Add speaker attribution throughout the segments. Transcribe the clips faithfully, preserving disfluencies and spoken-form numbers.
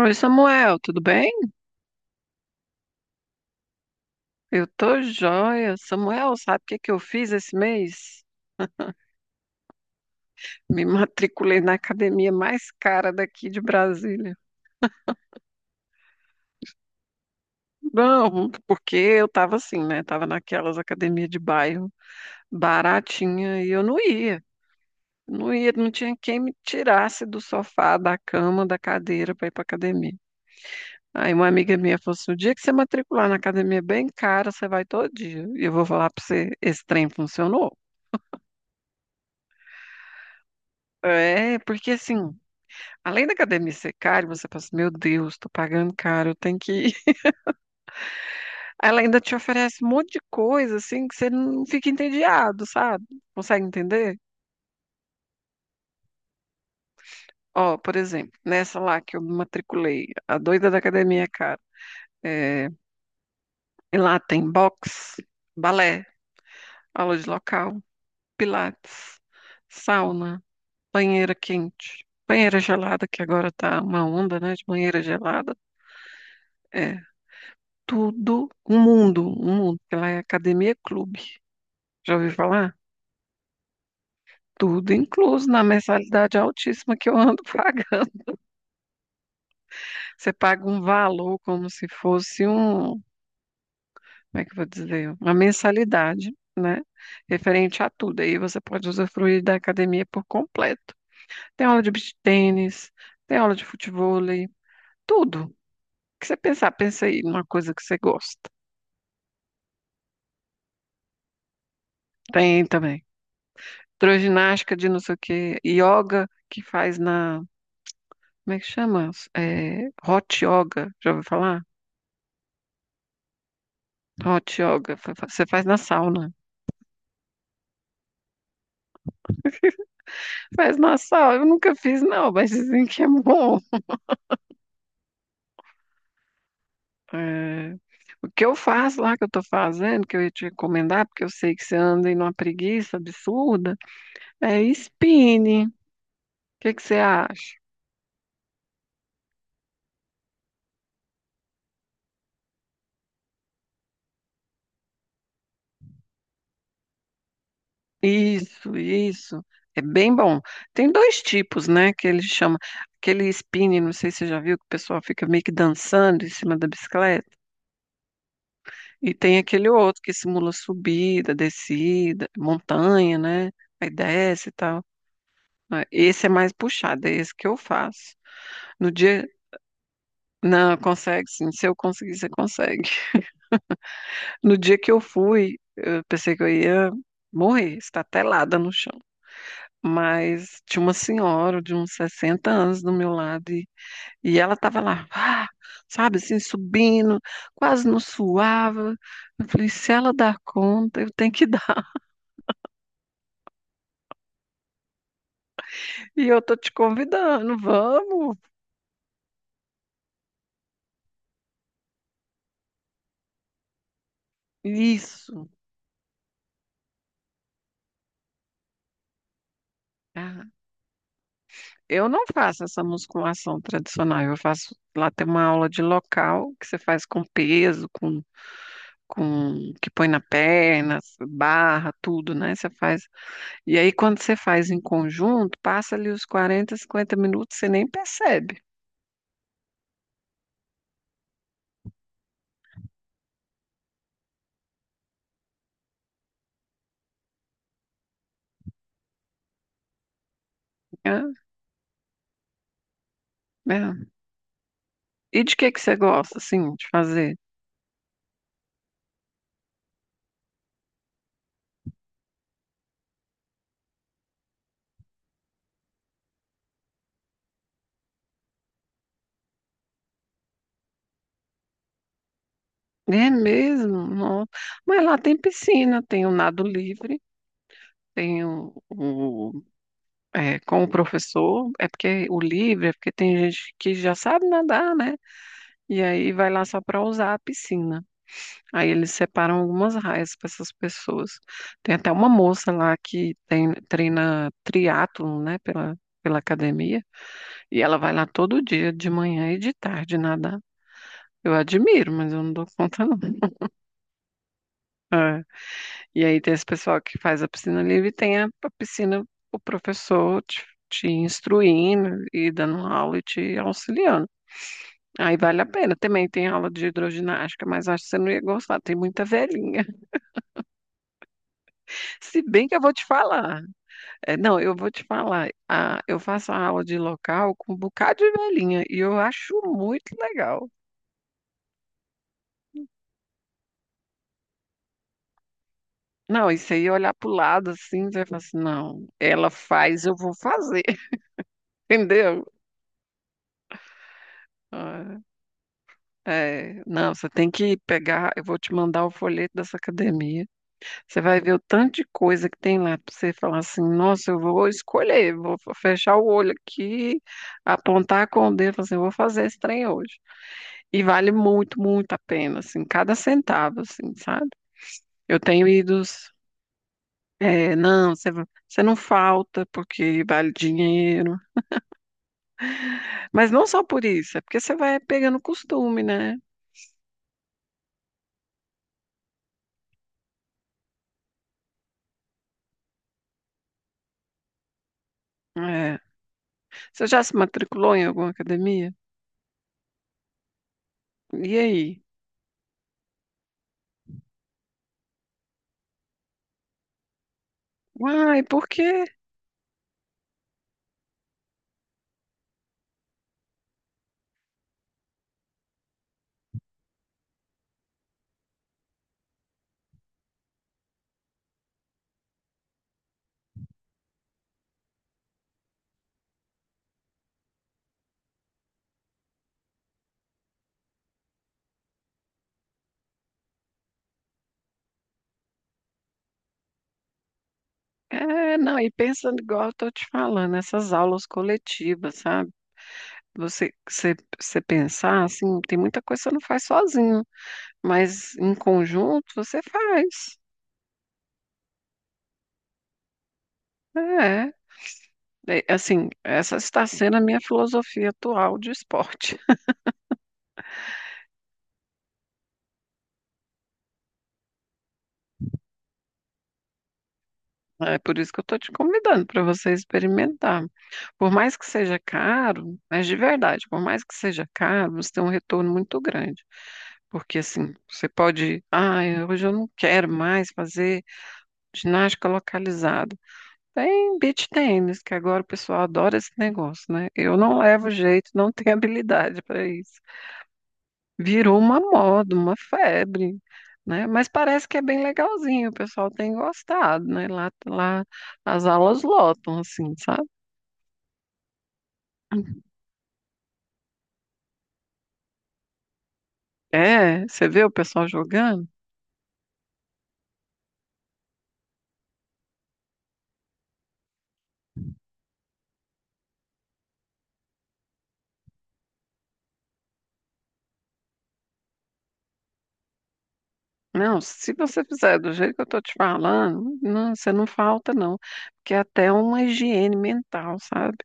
Speaker 1: Oi, Samuel, tudo bem? Eu tô joia. Samuel, sabe o que que eu fiz esse mês? Me matriculei na academia mais cara daqui de Brasília. Não, porque eu tava assim, né? Tava naquelas academias de bairro baratinha e eu não ia. Não ia, não tinha quem me tirasse do sofá, da cama, da cadeira para ir pra academia. Aí uma amiga minha falou assim, o dia que você matricular na academia bem cara, você vai todo dia. E eu vou falar pra você, esse trem funcionou? É, porque assim, além da academia ser cara, você pensa, meu Deus, tô pagando caro, eu tenho que ir. Ela ainda te oferece um monte de coisa, assim, que você não fica entediado, sabe? Consegue entender? Ó, por exemplo, nessa lá que eu me matriculei, a doida da academia é cara. É, e lá tem boxe, balé, aula de local, pilates, sauna, banheira quente, banheira gelada, que agora tá uma onda, né, de banheira gelada. É, tudo, um mundo, um mundo, porque lá é academia clube. Já ouviu falar? Tudo incluso na mensalidade altíssima que eu ando pagando. Você paga um valor como se fosse um, como é que eu vou dizer? Uma mensalidade, né? Referente a tudo. Aí você pode usufruir da academia por completo. Tem aula de beach tênis, tem aula de futevôlei, tudo. O que você pensar, pensa aí numa coisa que você gosta. Tem também. Hidroginástica de não sei o quê, yoga que faz na, como é que chama? É, hot yoga, já ouviu falar? Hot yoga, fa- fa- você faz na sauna. Faz na sauna, eu nunca fiz não, mas dizem que é bom. É, o que eu faço lá, que eu tô fazendo, que eu ia te recomendar, porque eu sei que você anda em uma preguiça absurda, é spinning. O que que você acha? Isso, isso. É bem bom. Tem dois tipos, né, que ele chama, aquele spinning, não sei se você já viu, que o pessoal fica meio que dançando em cima da bicicleta. E tem aquele outro que simula subida, descida, montanha, né? Aí desce e tal. Ah, esse é mais puxado, é esse que eu faço. No dia. Não, consegue sim. Se eu conseguir, você consegue. No dia que eu fui, eu pensei que eu ia morrer, estatelada no chão. Mas tinha uma senhora de uns sessenta anos do meu lado e, e ela estava lá, ah, sabe, assim, subindo, quase não suava. Eu falei, se ela dá conta, eu tenho que E eu tô te convidando, vamos. Isso. Ah, eu não faço essa musculação tradicional. Eu faço lá tem uma aula de local que você faz com peso, com com que põe na perna, barra, tudo, né? Você faz. E aí quando você faz em conjunto, passa ali os quarenta, cinquenta minutos, você nem percebe, né? Né? E de que que você gosta assim de fazer? É mesmo? Não. Mas lá tem piscina, tem o nado livre, tem o, o É, com o professor, é porque o livre, é porque tem gente que já sabe nadar, né? E aí vai lá só para usar a piscina. Aí eles separam algumas raias para essas pessoas. Tem até uma moça lá que tem, treina triatlon, né, pela, pela academia, e ela vai lá todo dia, de manhã e de tarde, nadar. Eu admiro, mas eu não dou conta, não. É. E aí tem esse pessoal que faz a piscina livre e tem a, a piscina, o professor te, te instruindo e dando aula e te auxiliando. Aí vale a pena. Também tem aula de hidroginástica, mas acho que você não ia gostar. Tem muita velhinha. Se bem que eu vou te falar. É, não, eu vou te falar. Ah, eu faço a aula de local com um bocado de velhinha e eu acho muito legal. Não, isso aí olhar para o lado assim, você vai falar assim, não, ela faz, eu vou fazer, entendeu? Ah, é, não, você tem que pegar, eu vou te mandar o folheto dessa academia. Você vai ver o tanto de coisa que tem lá para você falar assim, nossa, eu vou escolher, vou fechar o olho aqui, apontar com o dedo, falar assim, eu vou fazer esse trem hoje. E vale muito, muito a pena, assim, cada centavo, assim, sabe? Eu tenho ido, é, não, você, você não falta porque vale dinheiro, mas não só por isso, é porque você vai pegando costume, né? É. Você já se matriculou em alguma academia? E aí? Uai, por quê? É, não, e pensando igual eu tô te falando, essas aulas coletivas, sabe? Você, você, você pensar, assim, tem muita coisa que você não faz sozinho, mas em conjunto você faz. É, é, assim, essa está sendo a minha filosofia atual de esporte. É por isso que eu estou te convidando para você experimentar. Por mais que seja caro, mas de verdade, por mais que seja caro, você tem um retorno muito grande. Porque assim, você pode, ah, hoje eu não quero mais fazer ginástica localizada. Tem beach tênis, que agora o pessoal adora esse negócio, né? Eu não levo jeito, não tenho habilidade para isso. Virou uma moda, uma febre, né? Mas parece que é bem legalzinho, o pessoal tem gostado, né? Lá, lá as aulas lotam, assim, sabe? É, você vê o pessoal jogando? Não, se você fizer do jeito que eu tô te falando, não, você não falta, não. Porque é até uma higiene mental, sabe?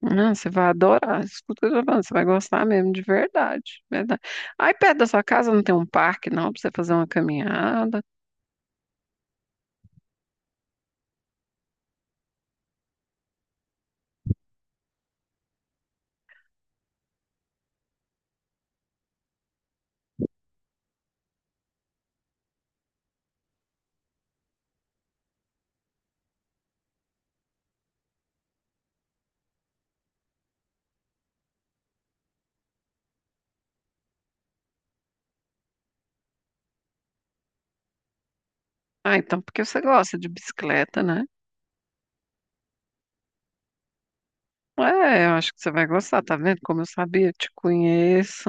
Speaker 1: Não, você vai adorar. Escuta o que eu tô falando, você vai gostar mesmo, de verdade, verdade. Aí perto da sua casa não tem um parque, não, pra você fazer uma caminhada. Ah, então porque você gosta de bicicleta, né? É, eu acho que você vai gostar, tá vendo? Como eu sabia, eu te conheço.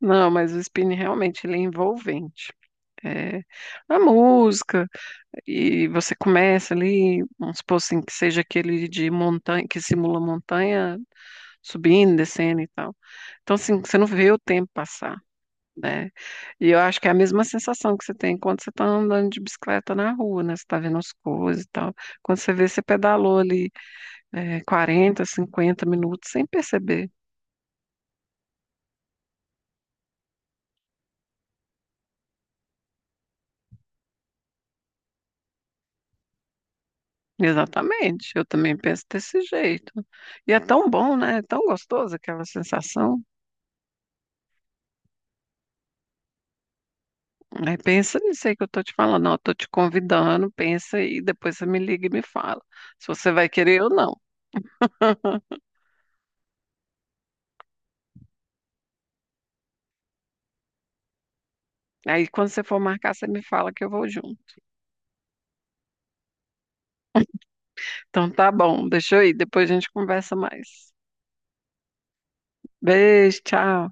Speaker 1: Não, mas o spinning realmente ele é envolvente. É, a música, e você começa ali, vamos supor assim, que seja aquele de montanha, que simula montanha, subindo, descendo e tal. Então, assim, você não vê o tempo passar. Né? E eu acho que é a mesma sensação que você tem quando você está andando de bicicleta na rua, né? Você está vendo as coisas e tal. Quando você vê, você pedalou ali é, quarenta, cinquenta minutos sem perceber. Exatamente, eu também penso desse jeito. E é tão bom, né? É tão gostoso aquela sensação. Né? Pensa nisso aí que eu tô te falando. Não, eu tô te convidando, pensa aí, depois você me liga e me fala se você vai querer ou não. Aí quando você for marcar, você me fala que eu vou junto. Então tá bom, deixa eu ir, depois a gente conversa mais. Beijo, tchau.